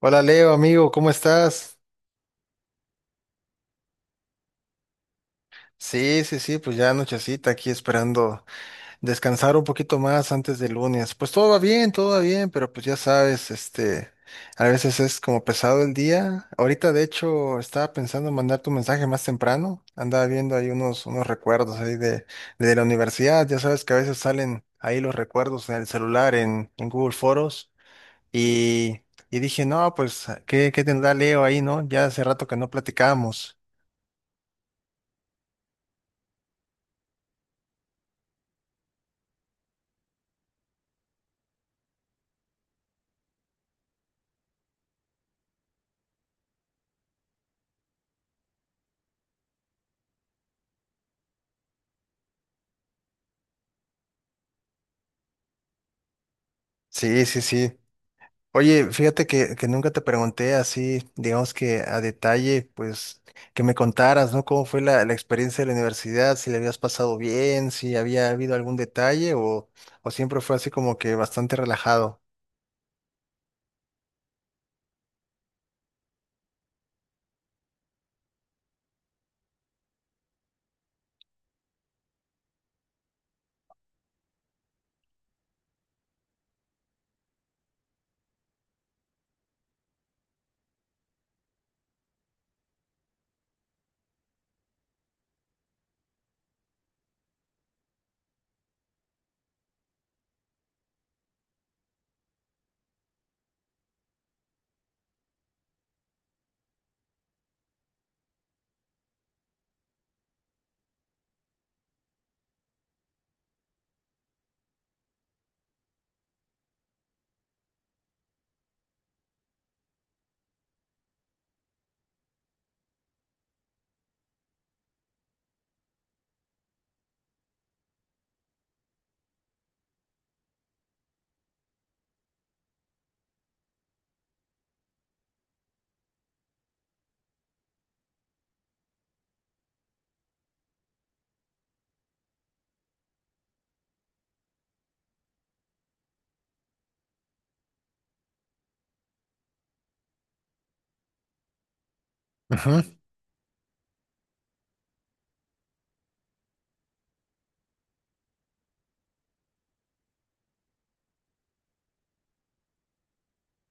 Hola Leo, amigo, ¿cómo estás? Sí, sí, sí, pues ya anochecita aquí esperando descansar un poquito más antes del lunes. Pues todo va bien, pero pues ya sabes, a veces es como pesado el día. Ahorita de hecho estaba pensando en mandar tu mensaje más temprano. Andaba viendo ahí unos recuerdos ahí de la universidad. Ya sabes que a veces salen ahí los recuerdos en el celular, en Google Foros. Y, y dije, no, pues, ¿qué tendrá Leo ahí, ¿no? Ya hace rato que no platicamos. Sí, sí, sí. Oye, fíjate que nunca te pregunté así, digamos que a detalle, pues que me contaras, ¿no? ¿Cómo fue la experiencia de la universidad? Si le habías pasado bien, si había habido algún detalle o siempre fue así como que bastante relajado.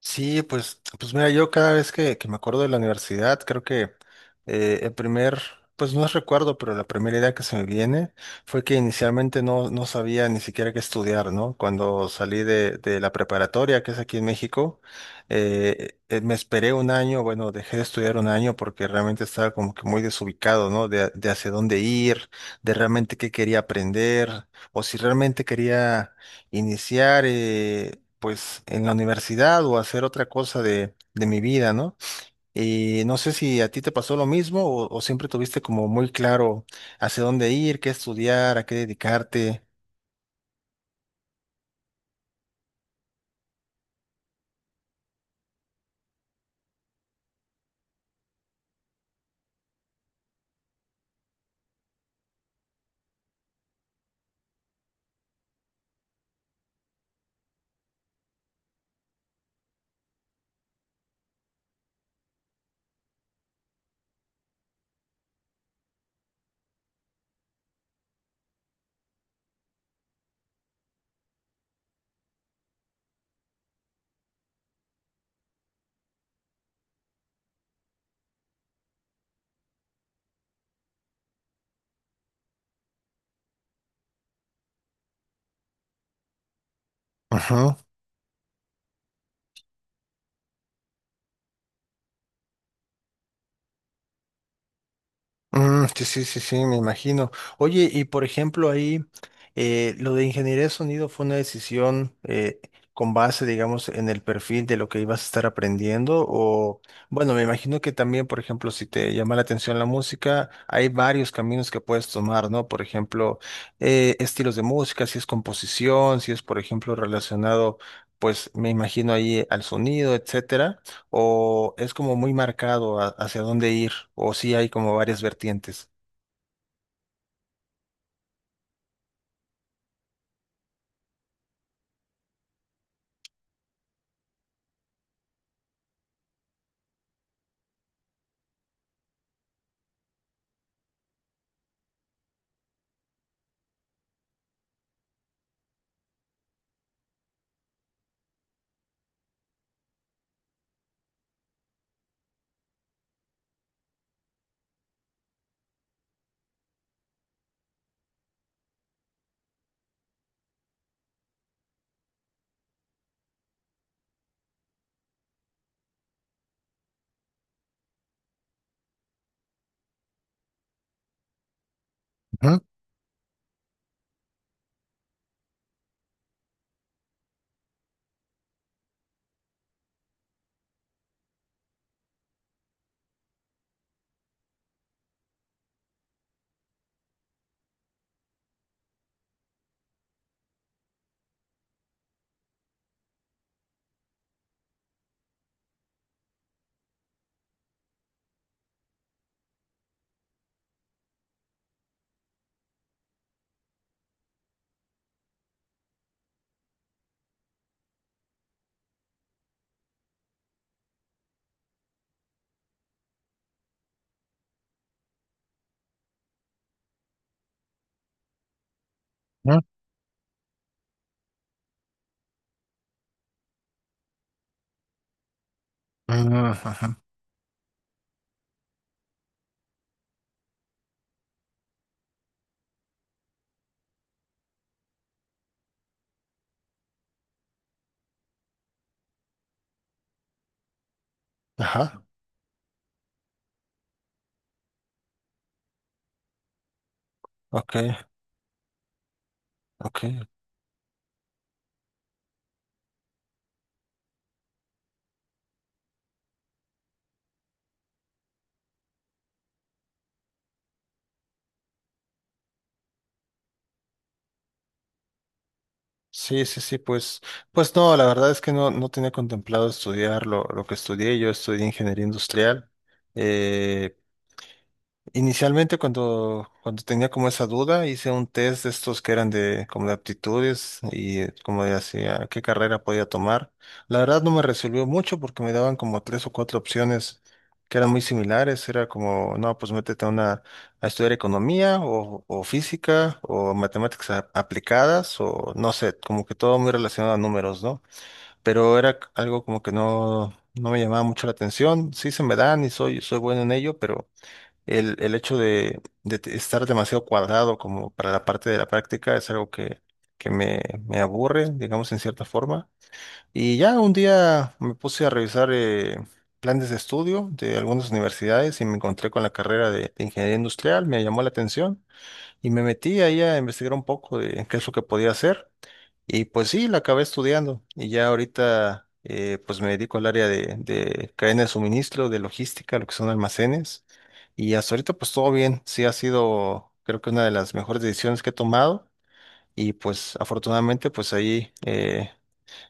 Sí, pues mira, yo cada vez que me acuerdo de la universidad, creo que eh, el primer, pues no es recuerdo, pero la primera idea que se me viene fue que inicialmente no sabía ni siquiera qué estudiar, ¿no? Cuando salí de la preparatoria, que es aquí en México, me esperé un año, bueno, dejé de estudiar un año porque realmente estaba como que muy desubicado, ¿no? De hacia dónde ir, de realmente qué quería aprender, o si realmente quería iniciar pues en la universidad o hacer otra cosa de mi vida, ¿no? Y no sé si a ti te pasó lo mismo o siempre tuviste como muy claro hacia dónde ir, qué estudiar, a qué dedicarte. Ujú. Mm, sí, sí, sí, sí, me imagino. Oye, y por ejemplo ahí, lo de ingeniería de sonido fue una decisión con base, digamos, en el perfil de lo que ibas a estar aprendiendo o, bueno, me imagino que también, por ejemplo, si te llama la atención la música, hay varios caminos que puedes tomar, ¿no? Por ejemplo, estilos de música, si es composición, si es, por ejemplo, relacionado, pues, me imagino ahí al sonido, etcétera, o es como muy marcado hacia dónde ir, o sí hay como varias vertientes. Ujú, ujú, ujú, ujú. Ajá, ok, ok. Sí, sí, sí, pues no, la verdad es que no tenía contemplado estudiar lo que estudié. Yo estudié ingeniería industrial. Eh, Inicialmente cuando tenía como esa duda, hice un test de estos que eran de como de aptitudes y como de hacia qué carrera podía tomar. La verdad no me resolvió mucho porque me daban como tres o cuatro opciones que eran muy similares. Era como, no, pues métete a estudiar economía o física o matemáticas aplicadas o no sé, como que todo muy relacionado a números, ¿no? Pero era algo como que no me llamaba mucho la atención. Sí se me dan y soy bueno en ello, pero el hecho de estar demasiado cuadrado como para la parte de la práctica es algo que me aburre, digamos, en cierta forma. Y ya un día me puse a revisar planes de estudio de algunas universidades y me encontré con la carrera de ingeniería industrial, me llamó la atención y me metí ahí a investigar un poco de qué es lo que podía hacer. Y pues sí, la acabé estudiando y ya ahorita pues me dedico al área de cadena de suministro, de logística, lo que son almacenes. Y hasta ahorita pues todo bien, sí ha sido creo que una de las mejores decisiones que he tomado y pues afortunadamente pues ahí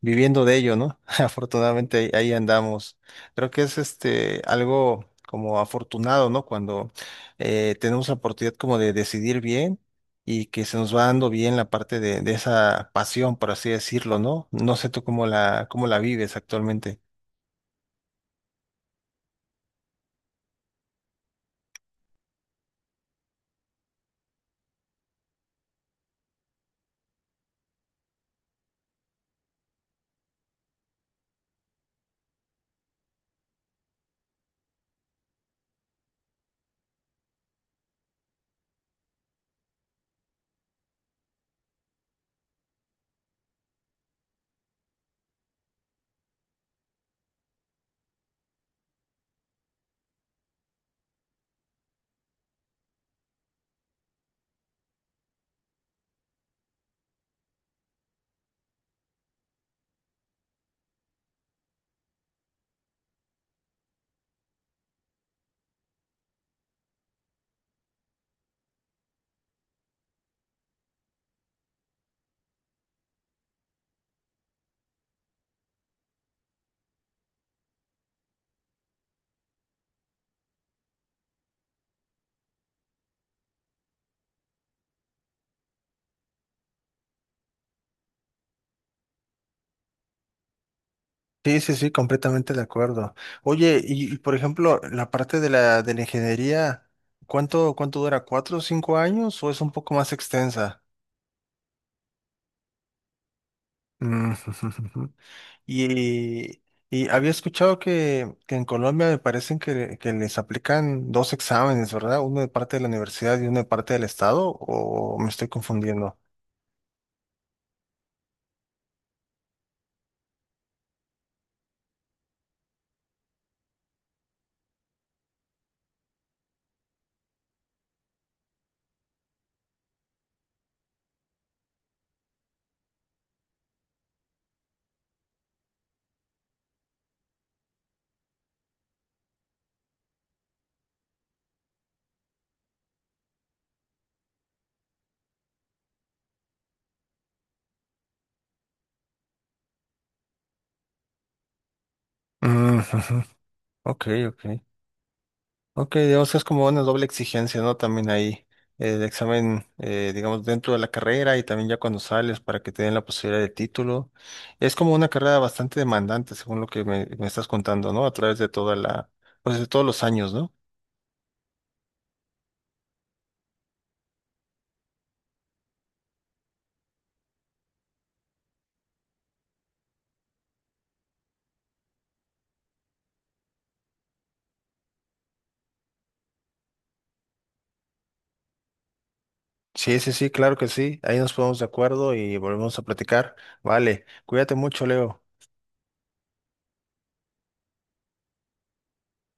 viviendo de ello, ¿no? Afortunadamente ahí andamos. Creo que es algo como afortunado, ¿no? Cuando tenemos la oportunidad como de decidir bien y que se nos va dando bien la parte de esa pasión, por así decirlo, ¿no? No sé tú cómo cómo la vives actualmente. Sí, sí, sí, completamente de acuerdo. Oye, por ejemplo, la parte de la ingeniería, ¿cuánto dura? ¿4 o 5 años o es un poco más extensa? Mm, Y, y había escuchado que en Colombia me parecen que les aplican dos exámenes, ¿verdad? Uno de parte de la universidad y uno de parte del estado, ¿o me estoy confundiendo? Mm, ujú. Ok, ok. Ok, digamos que es como una doble exigencia, ¿no? También ahí el examen, digamos, dentro de la carrera y también ya cuando sales para que te den la posibilidad de título. Es como una carrera bastante demandante, según lo que me estás contando, ¿no? A través de pues de todos los años, ¿no? Sí, sí, sí, claro que sí. Ahí nos ponemos de acuerdo y volvemos a platicar. Vale, cuídate mucho, Leo.